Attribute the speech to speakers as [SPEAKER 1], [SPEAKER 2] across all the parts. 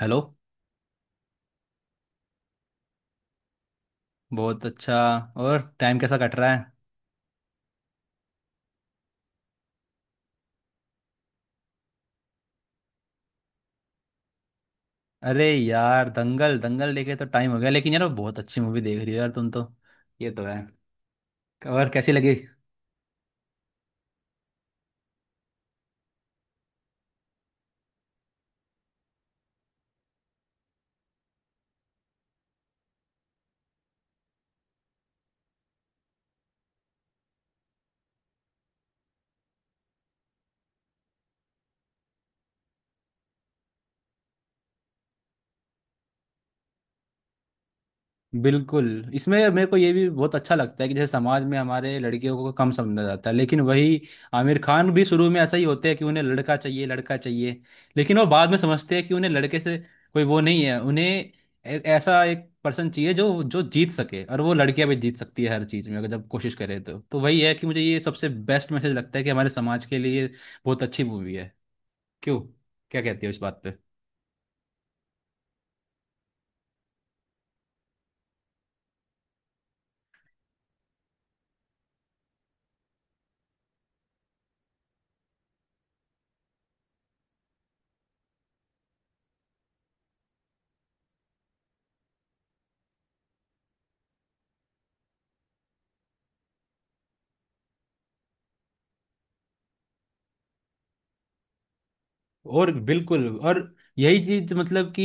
[SPEAKER 1] Hello. बहुत अच्छा। और टाइम कैसा कट रहा है? अरे यार, दंगल दंगल देखे तो टाइम हो गया, लेकिन यार बहुत अच्छी मूवी देख रही हो यार तुम तो। ये तो है। और कैसी लगी? बिल्कुल। इसमें मेरे को ये भी बहुत अच्छा लगता है कि जैसे समाज में हमारे लड़कियों को कम समझा जाता है, लेकिन वही आमिर खान भी शुरू में ऐसा ही होते हैं कि उन्हें लड़का चाहिए, लड़का चाहिए। लेकिन वो बाद में समझते हैं कि उन्हें लड़के से कोई वो नहीं है, उन्हें ऐसा एक पर्सन चाहिए जो जो जीत सके। और वो लड़कियां भी जीत सकती है हर चीज़ में अगर जब कोशिश करे, तो वही है कि मुझे ये सबसे बेस्ट मैसेज लगता है कि हमारे समाज के लिए ये बहुत अच्छी मूवी है। क्यों, क्या कहती है इस बात? और बिल्कुल। और यही चीज, मतलब कि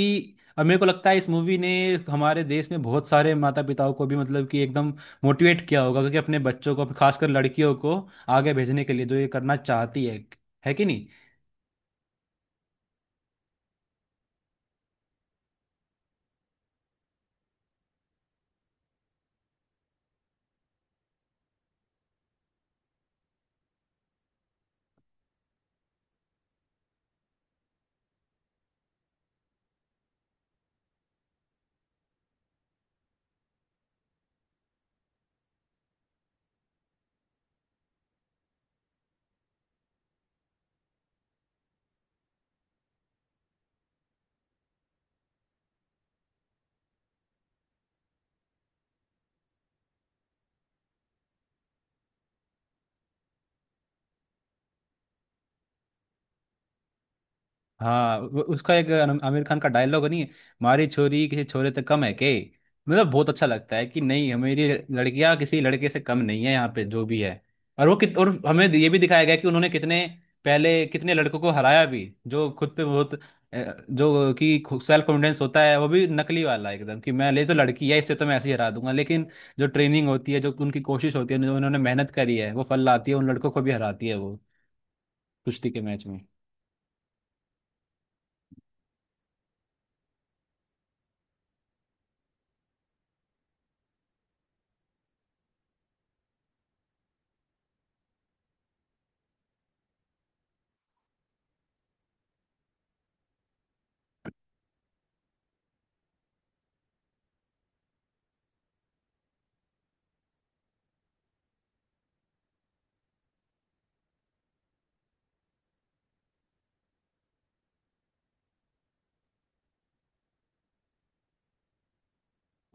[SPEAKER 1] अब मेरे को लगता है इस मूवी ने हमारे देश में बहुत सारे माता पिताओं को भी, मतलब कि एकदम मोटिवेट किया होगा, क्योंकि अपने बच्चों को खासकर लड़कियों को आगे भेजने के लिए जो ये करना चाहती है। है कि नहीं? हाँ, उसका एक आमिर खान का डायलॉग नहीं है, मारी छोरी किसी छोरे तक कम है के। मतलब बहुत अच्छा लगता है कि नहीं, हमारी लड़कियां किसी लड़के से कम नहीं है, यहाँ पे जो भी है। और वो कित और हमें ये भी दिखाया गया कि उन्होंने कितने पहले कितने लड़कों को हराया भी, जो खुद पे बहुत जो कि सेल्फ कॉन्फिडेंस होता है वो भी नकली वाला एकदम, कि मैं ले तो लड़की है इससे तो मैं ऐसे ही हरा दूंगा। लेकिन जो ट्रेनिंग होती है, जो उनकी कोशिश होती है, जो उन्होंने मेहनत करी है, वो फल लाती है। उन लड़कों को भी हराती है वो कुश्ती के मैच में।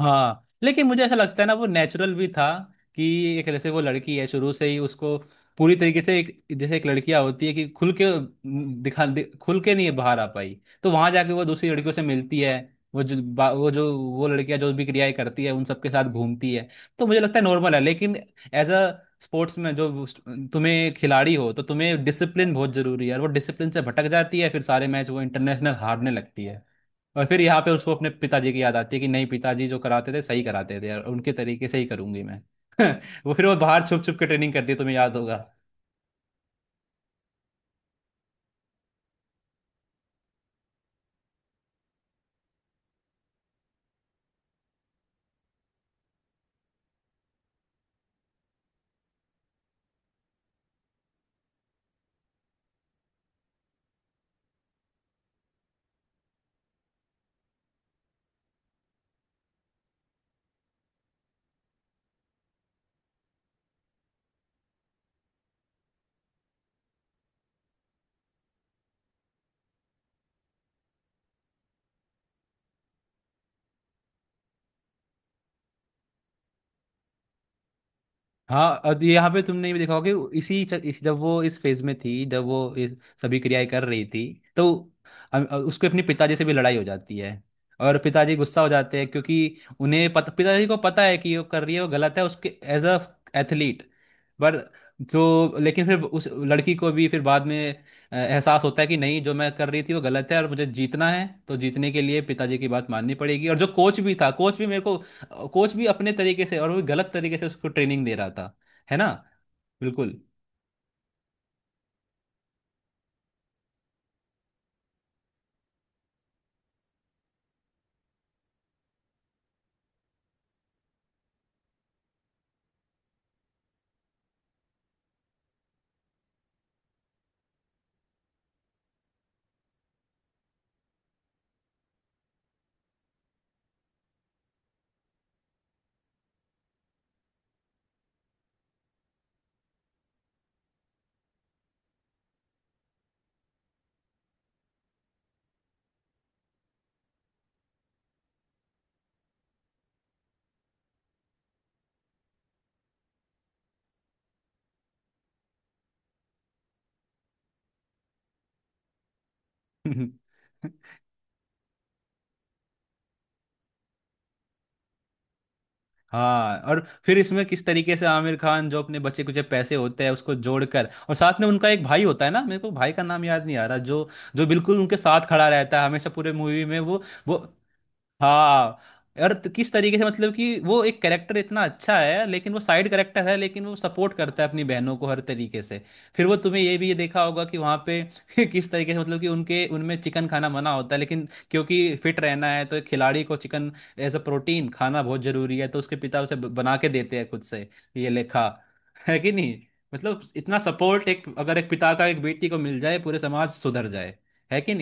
[SPEAKER 1] हाँ, लेकिन मुझे ऐसा लगता है ना, वो नेचुरल भी था कि एक जैसे वो लड़की है, शुरू से ही उसको पूरी तरीके से, एक जैसे एक लड़कियां होती है कि खुल के खुल के नहीं बाहर आ पाई। तो वहां जाके वो दूसरी लड़कियों से मिलती है। वो वो जो वो लड़कियां जो भी क्रियाएं करती है उन सबके साथ घूमती है। तो मुझे लगता है नॉर्मल है, लेकिन एज अ स्पोर्ट्स में जो तुम्हें खिलाड़ी हो, तो तुम्हें डिसिप्लिन बहुत जरूरी है। और वो डिसिप्लिन से भटक जाती है, फिर सारे मैच वो इंटरनेशनल हारने लगती है। और फिर यहाँ पे उसको अपने पिताजी की याद आती है कि नहीं, पिताजी जो कराते थे सही कराते थे, और उनके तरीके से ही करूंगी मैं। वो फिर वो बाहर छुप छुप के ट्रेनिंग करती है, तुम्हें याद होगा। हाँ, और तो यहाँ पे तुमने भी देखा होगा कि इसी जब वो इस फेज में थी, जब वो इस सभी क्रियाएं कर रही थी, तो उसके अपने पिताजी से भी लड़ाई हो जाती है और पिताजी गुस्सा हो जाते हैं, क्योंकि उन्हें पता पिताजी को पता है कि जो कर रही है वो गलत है उसके एज अ एथलीट। पर जो, लेकिन फिर उस लड़की को भी फिर बाद में एहसास होता है कि नहीं, जो मैं कर रही थी वो गलत है, और मुझे जीतना है तो जीतने के लिए पिताजी की बात माननी पड़ेगी। और जो कोच भी था कोच भी मेरे को कोच भी अपने तरीके से, और वो गलत तरीके से उसको ट्रेनिंग दे रहा था। है ना? बिल्कुल। हाँ, और फिर इसमें किस तरीके से आमिर खान जो अपने बचे कुछ पैसे होते हैं उसको जोड़कर, और साथ में उनका एक भाई होता है ना, मेरे को भाई का नाम याद नहीं आ रहा, जो जो बिल्कुल उनके साथ खड़ा रहता है हमेशा पूरे मूवी में वो, वो। हाँ, और किस तरीके से मतलब कि वो एक कैरेक्टर इतना अच्छा है, लेकिन वो साइड कैरेक्टर है, लेकिन वो सपोर्ट करता है अपनी बहनों को हर तरीके से। फिर वो तुम्हें ये भी ये देखा होगा कि वहाँ पे किस तरीके से, मतलब कि उनके उनमें चिकन खाना मना होता है, लेकिन क्योंकि फिट रहना है तो एक खिलाड़ी को चिकन एज अ प्रोटीन खाना बहुत जरूरी है, तो उसके पिता उसे बना के देते हैं खुद से। ये लेखा है कि नहीं? मतलब इतना सपोर्ट एक, अगर एक पिता का एक बेटी को मिल जाए, पूरे समाज सुधर जाए। है कि?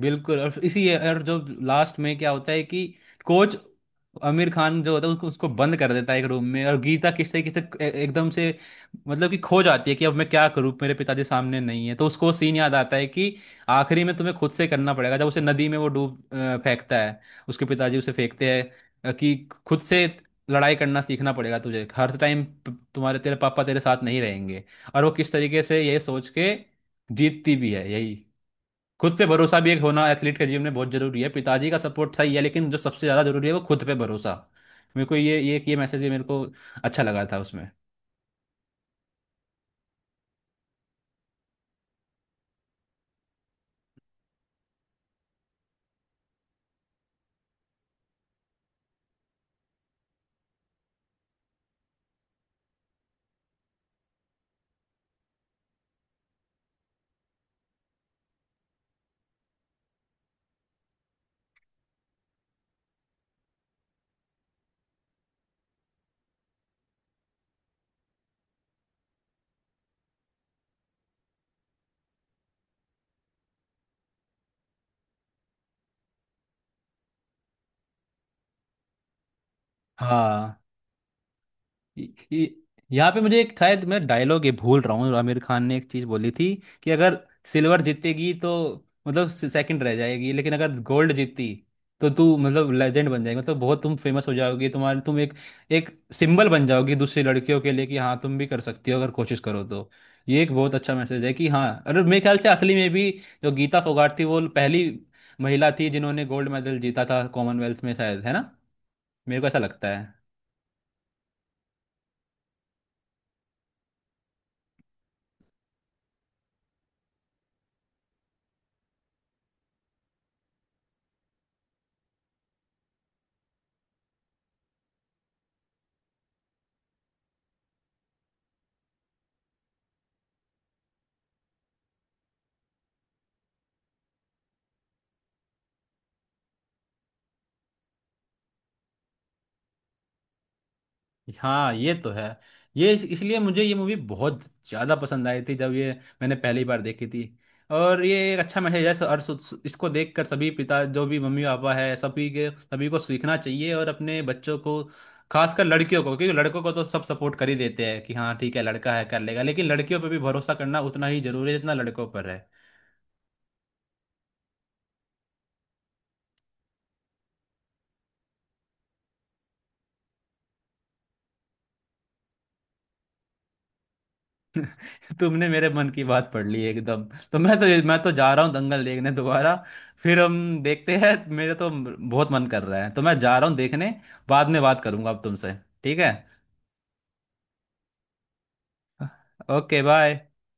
[SPEAKER 1] बिल्कुल। और इसी और जो लास्ट में क्या होता है कि कोच, आमिर खान जो होता है उसको, उसको बंद कर देता है एक रूम में। और गीता किससे किससे एकदम से, मतलब कि खो जाती है कि अब मैं क्या करूं, मेरे पिताजी सामने नहीं है। तो उसको सीन याद आता है कि आखिरी में तुम्हें खुद से करना पड़ेगा, जब उसे नदी में वो फेंकता है, उसके पिताजी उसे फेंकते हैं, कि खुद से लड़ाई करना सीखना पड़ेगा तुझे हर टाइम, तुम्हारे तेरे पापा तेरे साथ नहीं रहेंगे। और वो किस तरीके से ये सोच के जीतती भी है। यही खुद पे भरोसा भी एक होना एथलीट के जीवन में बहुत जरूरी है, पिताजी का सपोर्ट सही है लेकिन जो सबसे ज्यादा जरूरी है वो खुद पे भरोसा। मेरे को ये मैसेज ये मेरे को अच्छा लगा था उसमें। हाँ, य- य- यहाँ पे मुझे एक, शायद मैं डायलॉग ये भूल रहा हूँ, आमिर खान ने एक चीज बोली थी कि अगर सिल्वर जीतेगी तो मतलब सेकंड रह जाएगी, लेकिन अगर गोल्ड जीती तो तू मतलब लेजेंड बन जाएगी, मतलब बहुत तुम फेमस हो जाओगी, तुम एक एक सिंबल बन जाओगी दूसरी लड़कियों के लिए, कि हाँ तुम भी कर सकती हो अगर कोशिश करो तो। ये एक बहुत अच्छा मैसेज है कि हाँ। और मेरे ख्याल से असली में भी जो गीता फोगाट थी, वो पहली महिला थी जिन्होंने गोल्ड मेडल जीता था कॉमनवेल्थ में शायद, है ना? मेरे को ऐसा लगता है। हाँ, ये तो है। ये इसलिए मुझे ये मूवी बहुत ज़्यादा पसंद आई थी जब ये मैंने पहली बार देखी थी। और ये एक अच्छा मैसेज है, और सु- सु- इसको देखकर सभी पिता, जो भी मम्मी पापा है, सभी के सभी को सीखना चाहिए। और अपने बच्चों को खासकर लड़कियों को, क्योंकि लड़कों को तो सब सपोर्ट कर ही देते हैं कि हाँ ठीक है लड़का है कर लेगा, लेकिन लड़कियों पर भी भरोसा करना उतना ही जरूरी है जितना लड़कों पर है। तुमने मेरे मन की बात पढ़ ली एकदम। तो मैं तो जा रहा हूँ दंगल देखने दोबारा। फिर हम देखते हैं। मेरे तो बहुत मन कर रहा है, तो मैं जा रहा हूँ देखने। बाद में बात करूंगा अब तुमसे। ठीक है, ओके बाय।